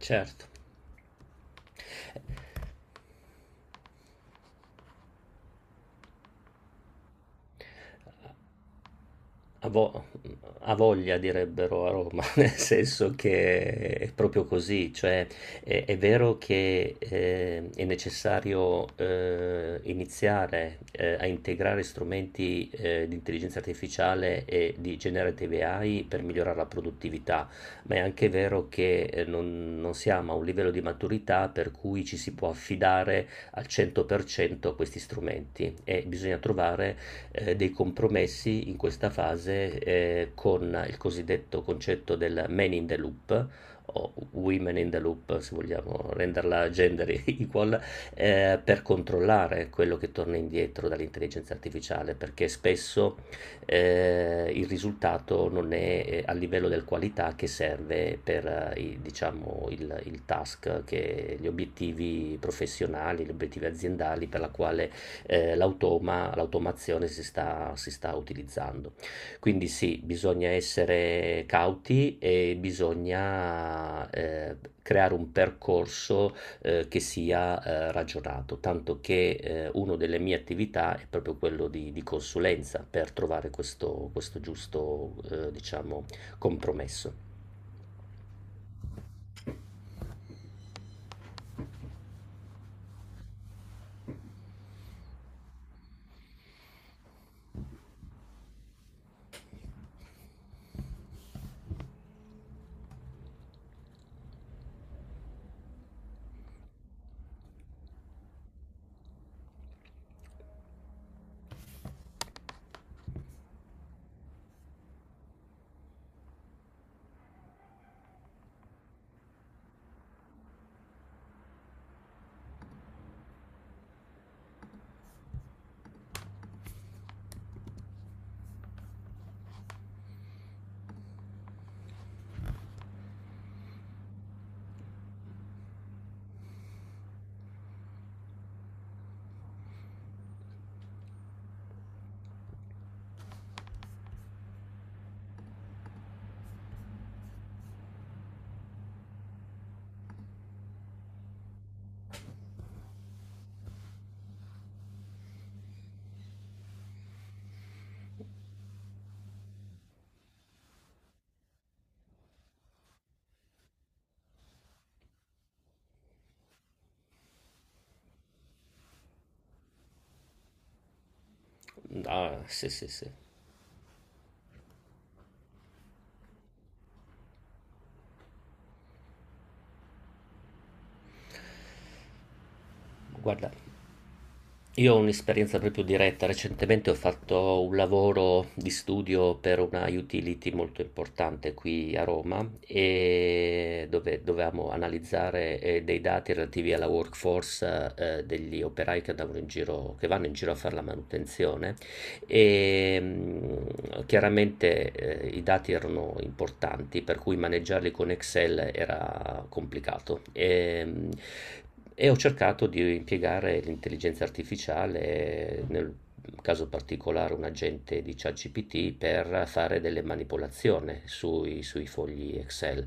Certo. A vo A voglia direbbero a Roma, nel senso che è proprio così, cioè è vero che, è necessario, iniziare, a integrare strumenti, di intelligenza artificiale e di generative AI per migliorare la produttività, ma è anche vero che, non siamo a un livello di maturità per cui ci si può affidare al 100% a questi strumenti e bisogna trovare dei compromessi in questa fase con il cosiddetto concetto del man in the loop o women in the loop, se vogliamo renderla gender equal, per controllare quello che torna indietro dall'intelligenza artificiale, perché spesso il risultato non è a livello del qualità che serve per i, diciamo, il task, che, gli obiettivi professionali, gli obiettivi aziendali per la quale l'automazione si sta utilizzando. Quindi sì, bisogna essere cauti e bisogna creare un percorso che sia ragionato, tanto che una delle mie attività è proprio quello di consulenza per trovare questo, questo giusto, diciamo, compromesso. Ah, sì, sì, sì. Guarda, io ho un'esperienza proprio diretta. Recentemente ho fatto un lavoro di studio per una utility molto importante qui a Roma e dove dovevamo analizzare dei dati relativi alla workforce degli operai che andavano in giro, che vanno in giro a fare la manutenzione e chiaramente i dati erano importanti, per cui maneggiarli con Excel era complicato. E ho cercato di impiegare l'intelligenza artificiale nel un caso particolare, un agente di ChatGPT per fare delle manipolazioni sui fogli Excel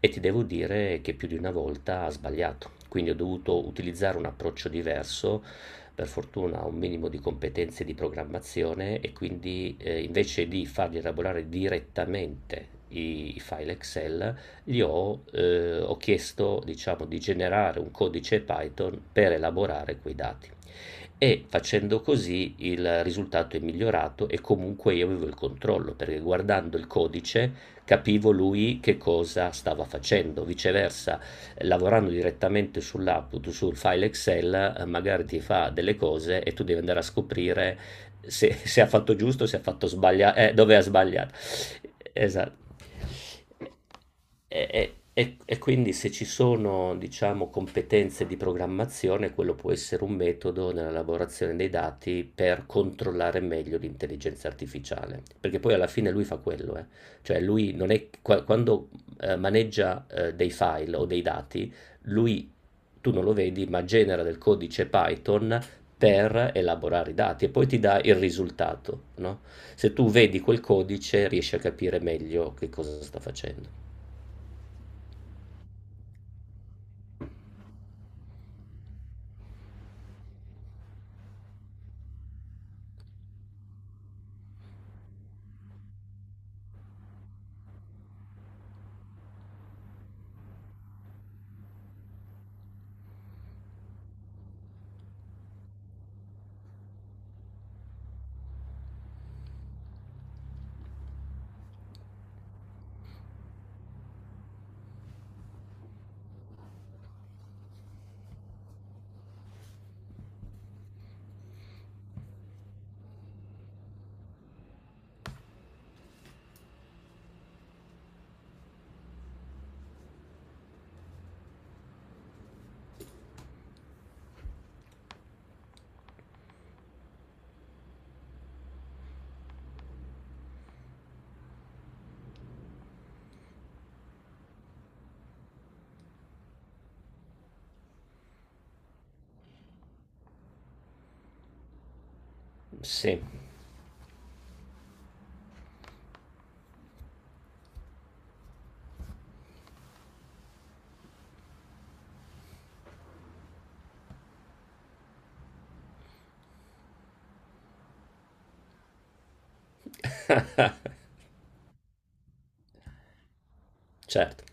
e ti devo dire che più di una volta ha sbagliato. Quindi ho dovuto utilizzare un approccio diverso. Per fortuna ho un minimo di competenze di programmazione e quindi invece di fargli elaborare direttamente i file Excel, ho chiesto, diciamo, di generare un codice Python per elaborare quei dati. E facendo così il risultato è migliorato e comunque io avevo il controllo, perché guardando il codice capivo lui che cosa stava facendo. Viceversa, lavorando direttamente sull'output, sul file Excel, magari ti fa delle cose e tu devi andare a scoprire se ha fatto giusto, se ha fatto sbagliato, dove ha sbagliato. Esatto. E quindi se ci sono, diciamo, competenze di programmazione, quello può essere un metodo nella lavorazione dei dati per controllare meglio l'intelligenza artificiale, perché poi alla fine lui fa quello, eh. Cioè lui non è, quando maneggia dei file o dei dati, lui, tu non lo vedi, ma genera del codice Python per elaborare i dati e poi ti dà il risultato, no? Se tu vedi quel codice riesci a capire meglio che cosa sta facendo. Sì, certo,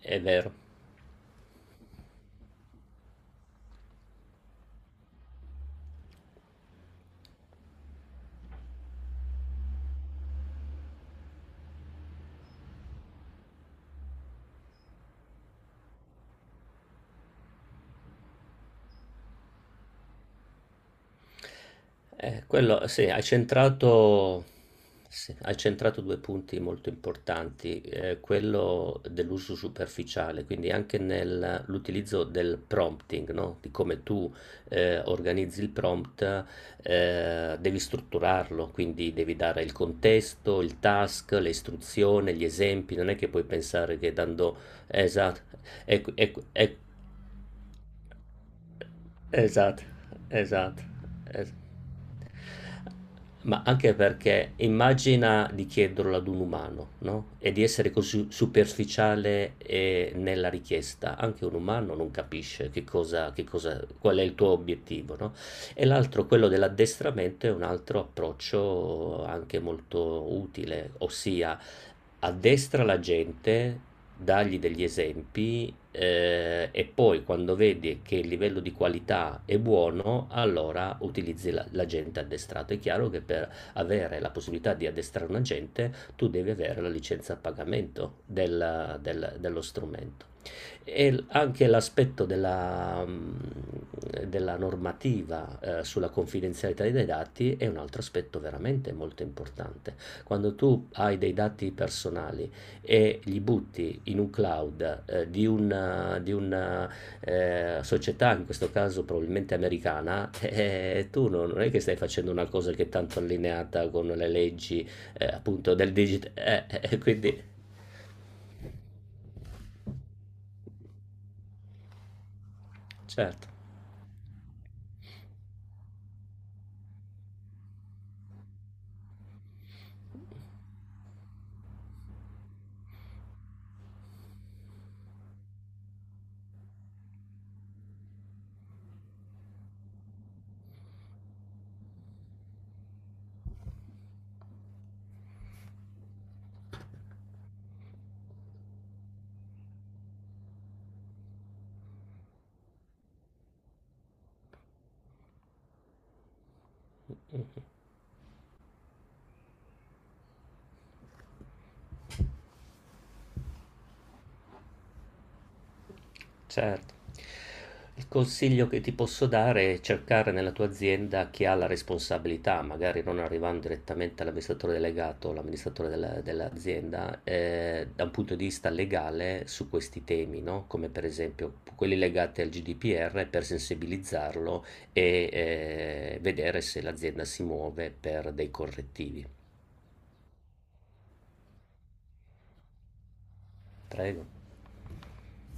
è vero. Quello, sì, hai centrato due punti molto importanti, quello dell'uso superficiale, quindi anche nell'utilizzo del prompting, no? Di come tu organizzi il prompt, devi strutturarlo, quindi devi dare il contesto, il task, le istruzioni, gli esempi, non è che puoi pensare che dando... Esatto, ecco, ecco, ecco, esatto, esatto, es ma anche perché immagina di chiederlo ad un umano, no, e di essere così superficiale, nella richiesta. Anche un umano non capisce che cosa qual è il tuo obiettivo, no, e l'altro, quello dell'addestramento, è un altro approccio anche molto utile, ossia addestra la gente, dargli degli esempi e poi quando vedi che il livello di qualità è buono, allora utilizzi l'agente addestrato. È chiaro che per avere la possibilità di addestrare un agente, tu devi avere la licenza a pagamento dello strumento. Anche l'aspetto della, della normativa sulla confidenzialità dei dati è un altro aspetto veramente molto importante. Quando tu hai dei dati personali, e li butti in un cloud di una, di una società, in questo caso probabilmente americana, tu non è che stai facendo una cosa che è tanto allineata con le leggi appunto del digital. Quindi, certo. Certo. Il consiglio che ti posso dare è cercare nella tua azienda chi ha la responsabilità, magari non arrivando direttamente all'amministratore delegato o all'amministratore dell'azienda, da un punto di vista legale su questi temi, no? Come per esempio quelli legati al GDPR per sensibilizzarlo e vedere se l'azienda si muove per dei correttivi. Prego.